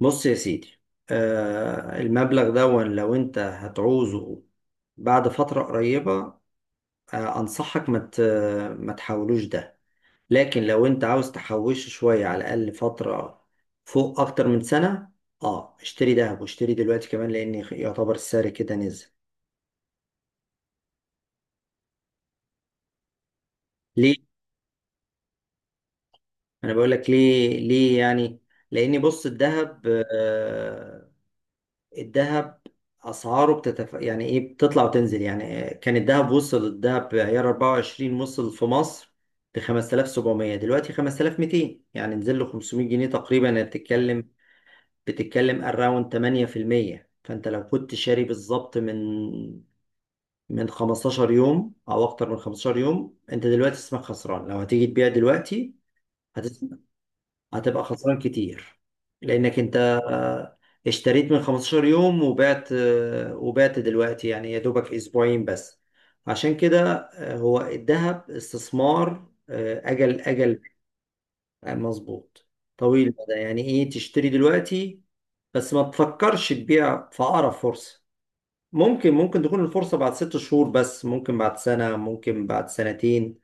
بص يا سيدي. المبلغ ده لو انت هتعوزه بعد فترة قريبة، انصحك ما تحولوش ده. لكن لو انت عاوز تحوشه شوية على الاقل فترة فوق اكتر من سنة، اه اشتري دهب، واشتري دلوقتي كمان لان يعتبر السعر كده نزل. ليه؟ انا بقول لك ليه. يعني لاني، بص، الذهب الذهب اسعاره يعني ايه، بتطلع وتنزل. يعني كان الذهب وصل، الذهب عيار 24 وصل في مصر ب 5700، دلوقتي 5200، يعني نزل له 500 جنيه تقريبا. يعني بتتكلم، اراوند 8%. فانت لو كنت شاري بالظبط من 15 يوم او اكتر من 15 يوم، انت دلوقتي اسمك خسران لو هتيجي تبيع دلوقتي. هتس... هتبقى خسران كتير، لانك انت آه، اشتريت من 15 يوم وبعت، وبعت دلوقتي، يعني يا دوبك اسبوعين بس. عشان كده، هو الذهب استثمار، اجل. مظبوط، طويل المدى. يعني ايه؟ تشتري دلوقتي بس ما تفكرش تبيع في اقرب فرصة. ممكن، تكون الفرصة بعد 6 شهور، بس ممكن بعد سنة، ممكن بعد سنتين.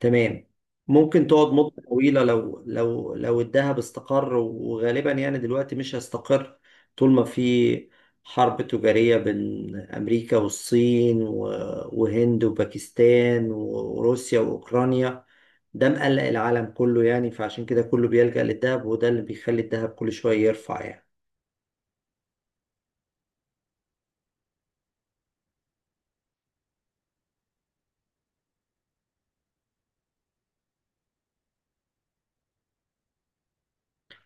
تمام. ممكن تقعد مدة طويلة لو الذهب استقر، وغالبا يعني دلوقتي مش هيستقر، طول ما في حرب تجارية بين أمريكا والصين وهند وباكستان وروسيا وأوكرانيا. ده مقلق العالم كله يعني، فعشان كده كله بيلجأ للذهب، وده اللي بيخلي الذهب كل شوية يرفع يعني.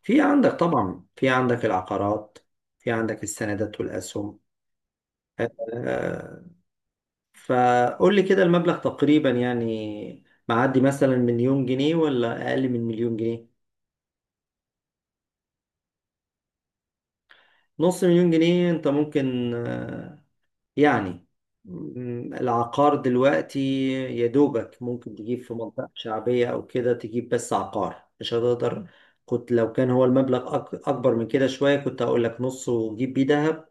في عندك طبعا، في عندك العقارات، في عندك السندات والأسهم. آه، آه، فقول لي كده، المبلغ تقريبا يعني معدي مثلا مليون جنيه ولا أقل من مليون جنيه؟ نص مليون جنيه، أنت ممكن، يعني، العقار دلوقتي يا دوبك ممكن تجيب في منطقة شعبية أو كده، تجيب بس عقار مش هتقدر. كنت، لو كان هو المبلغ أكبر من كده شوية، كنت هقول لك نص وجيب بيه دهب،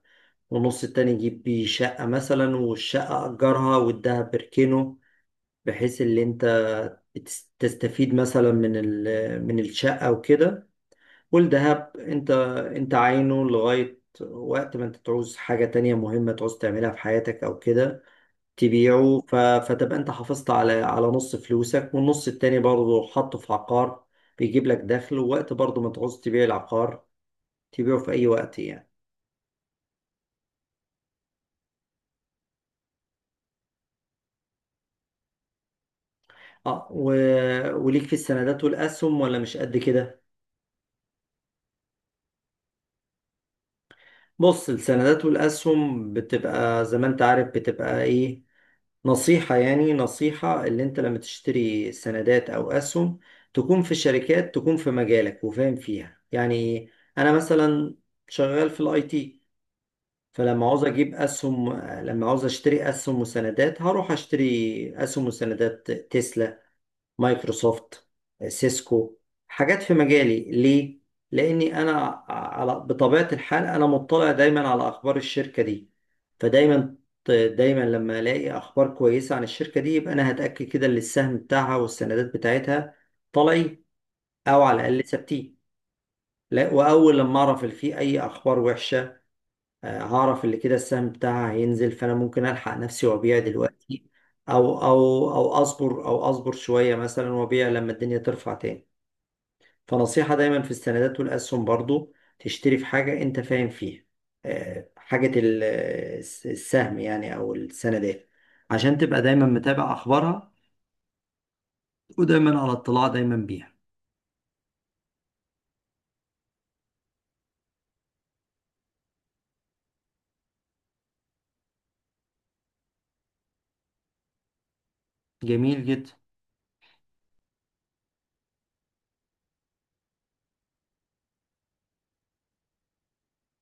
والنص التاني يجيب بيه شقة مثلا، والشقة أجرها والدهب اركنه، بحيث اللي انت تستفيد مثلا من من الشقة وكده. والذهب انت، عاينه لغاية وقت ما انت تعوز حاجة تانية مهمة تعوز تعملها في حياتك او كده، تبيعه. فتبقى انت حافظت على نص فلوسك، والنص التاني برضه حطه في عقار بيجيب لك دخل، ووقت برضه ما تعوز تبيع العقار تبيعه في اي وقت يعني. اه و... وليك في السندات والاسهم ولا مش قد كده؟ بص، السندات والاسهم بتبقى زي ما انت عارف، بتبقى ايه؟ نصيحة، يعني نصيحة، اللي انت لما تشتري سندات او اسهم، تكون في شركات تكون في مجالك وفاهم فيها يعني. انا مثلا شغال في الاي تي، فلما عاوز اجيب اسهم، لما عاوز اشتري اسهم وسندات، هروح اشتري اسهم وسندات تسلا، مايكروسوفت، سيسكو، حاجات في مجالي. ليه؟ لأني أنا، على بطبيعة الحال، أنا مطلع دايما على أخبار الشركة دي، فدايما، لما ألاقي أخبار كويسة عن الشركة دي، يبقى أنا هتأكد كده إن السهم بتاعها والسندات بتاعتها طالعين، أو على الأقل ثابتين. لا، وأول لما أعرف إن في أي أخبار وحشة، هعرف اللي كده السهم بتاعها هينزل، فانا ممكن الحق نفسي وابيع دلوقتي. او اصبر، او اصبر شويه مثلا، وابيع لما الدنيا ترفع تاني. فنصيحه دايما في السندات والاسهم برضو، تشتري في حاجه انت فاهم فيها، حاجه، السهم يعني او السندات، عشان تبقى دايما متابع اخبارها، ودايما على اطلاع دايما بيها. جميل جدا.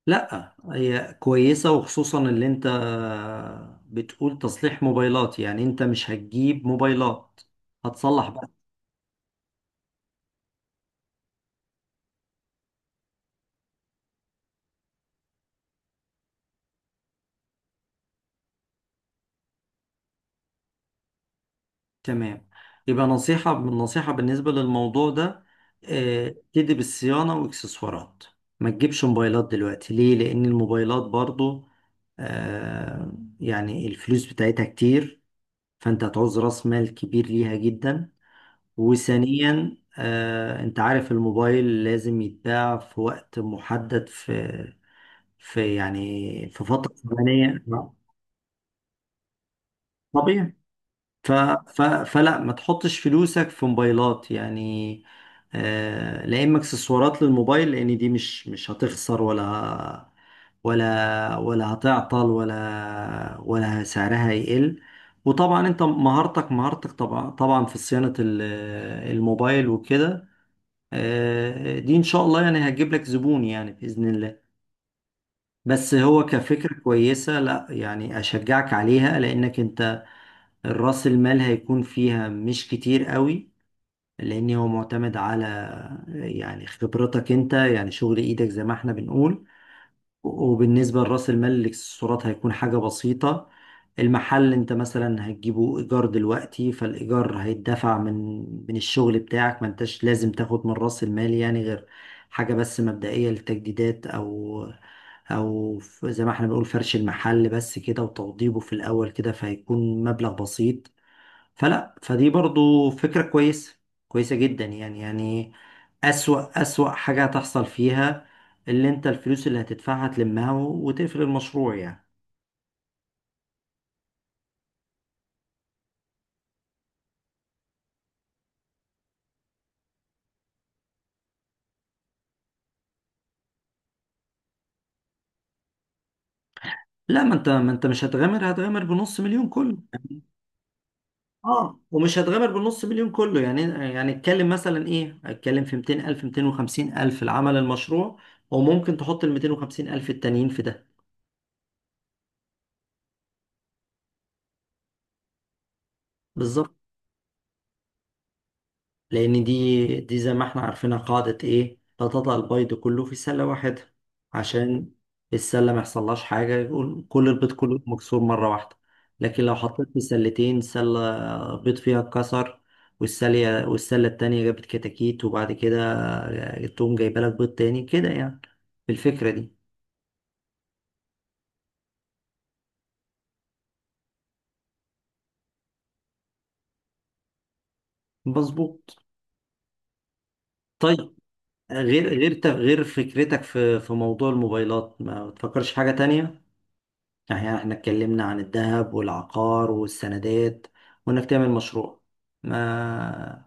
لا، هي كويسة، وخصوصا اللي انت بتقول تصليح موبايلات. يعني انت مش هتجيب موبايلات، هتصلح بقى. تمام. يبقى نصيحة، بالنسبة للموضوع ده، اه، ابتدي بالصيانة واكسسوارات. ما تجيبش موبايلات دلوقتي. ليه؟ لان الموبايلات برضو، اه، يعني الفلوس بتاعتها كتير، فانت هتعوز راس مال كبير ليها جدا. وثانيا، انت عارف الموبايل لازم يتباع في وقت محدد، في يعني في فترة زمنية. طبيعي. ف ف فلا، ما تحطش فلوسك في موبايلات يعني. لا، اما اكسسوارات للموبايل لان دي مش هتخسر، ولا هتعطل، ولا سعرها هيقل. وطبعا انت مهارتك، طبعا في صيانة الموبايل وكده، دي ان شاء الله يعني هتجيب لك زبون، يعني باذن الله. بس هو كفكره كويسه، لا يعني اشجعك عليها، لانك انت راس المال هيكون فيها مش كتير قوي، لان هو معتمد على، يعني، خبرتك انت، يعني شغل ايدك زي ما احنا بنقول. وبالنسبة لرأس المال، اللي الاكسسوارات، هيكون حاجة بسيطة. المحل انت مثلا هتجيبه ايجار دلوقتي، فالايجار هيتدفع من الشغل بتاعك، ما انتش لازم تاخد من رأس المال يعني، غير حاجة بس مبدئية للتجديدات، زي ما احنا بنقول فرش المحل بس كده، وتوضيبه في الاول كده، فهيكون مبلغ بسيط. فلا، فدي برضو فكرة كويسة، كويسة جدا يعني. يعني أسوأ حاجة هتحصل فيها، اللي انت الفلوس اللي هتدفعها تلمها وتقفل المشروع يعني. لا، ما انت، مش هتغامر، هتغامر بنص مليون كله. اه، ومش هتغامر بالنص مليون كله يعني، يعني اتكلم مثلا ايه، اتكلم في 200 الف، 250 الف العمل المشروع، وممكن تحط ال 250 الف التانيين في ده. بالظبط. لأن دي، زي ما احنا عارفينها، قاعدة إيه؟ لا تضع البيض كله في سلة واحدة، عشان السلة ما يحصلهاش حاجة يقول كل البيض كله مكسور مرة واحدة. لكن لو حطيت في سلتين، سلة بيض فيها اتكسر، والسلة، التانية جابت كتاكيت، وبعد كده تقوم جايبة لك بيض تاني كده يعني، بالفكرة دي. مظبوط. طيب، غير، فكرتك في موضوع الموبايلات، ما تفكرش في حاجة تانية؟ يعني احنا اتكلمنا عن الذهب والعقار والسندات، وانك تعمل مشروع. ما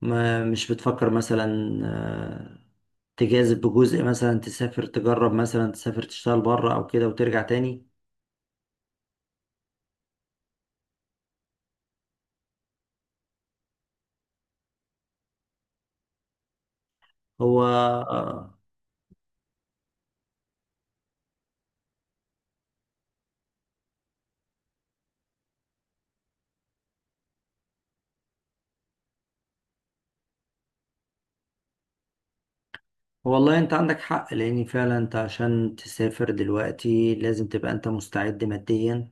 ما مش بتفكر مثلا، آه، تجازف بجزء؟ مثلا تسافر تجرب، مثلا تسافر تشتغل بره او كده وترجع تاني؟ هو والله انت عندك حق، لان فعلا انت عشان تسافر دلوقتي لازم تبقى انت مستعد ماديا،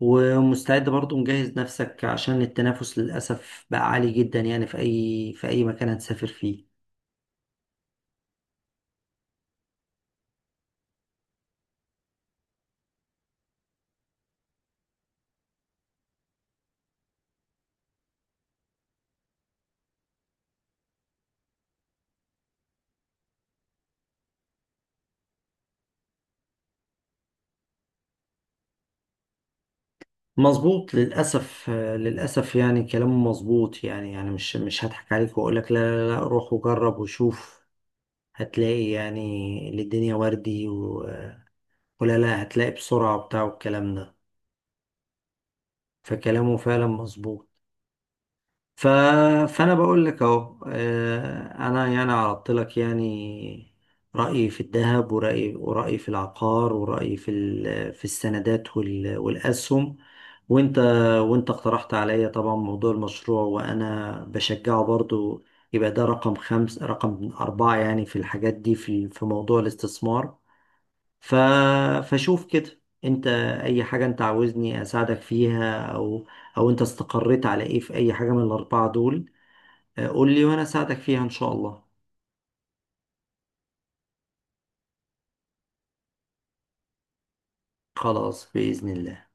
ومستعد برضو مجهز نفسك، عشان التنافس للأسف بقى عالي جدا يعني، في أي مكان هتسافر فيه. مظبوط. للأسف، للأسف يعني كلامه مظبوط، يعني، يعني مش هضحك عليك وأقول لك لا لا لا، روح وجرب وشوف، هتلاقي يعني اللي الدنيا وردي ولا، لا، هتلاقي بسرعة وبتاع والكلام ده. فكلامه فعلا مظبوط. ف... فانا بقول لك اهو، انا يعني عرضت لك، يعني رايي في الذهب، ورايي في العقار، ورايي في في السندات والاسهم. وانت، اقترحت عليا طبعا موضوع المشروع، وانا بشجعه برضو. يبقى ده رقم خمس، رقم أربعة يعني في الحاجات دي، في موضوع الاستثمار. ف... فشوف كده انت، اي حاجة انت عاوزني اساعدك فيها، او انت استقريت على ايه، في اي حاجة من الاربعة دول، قول لي وانا اساعدك فيها ان شاء الله. خلاص بإذن الله.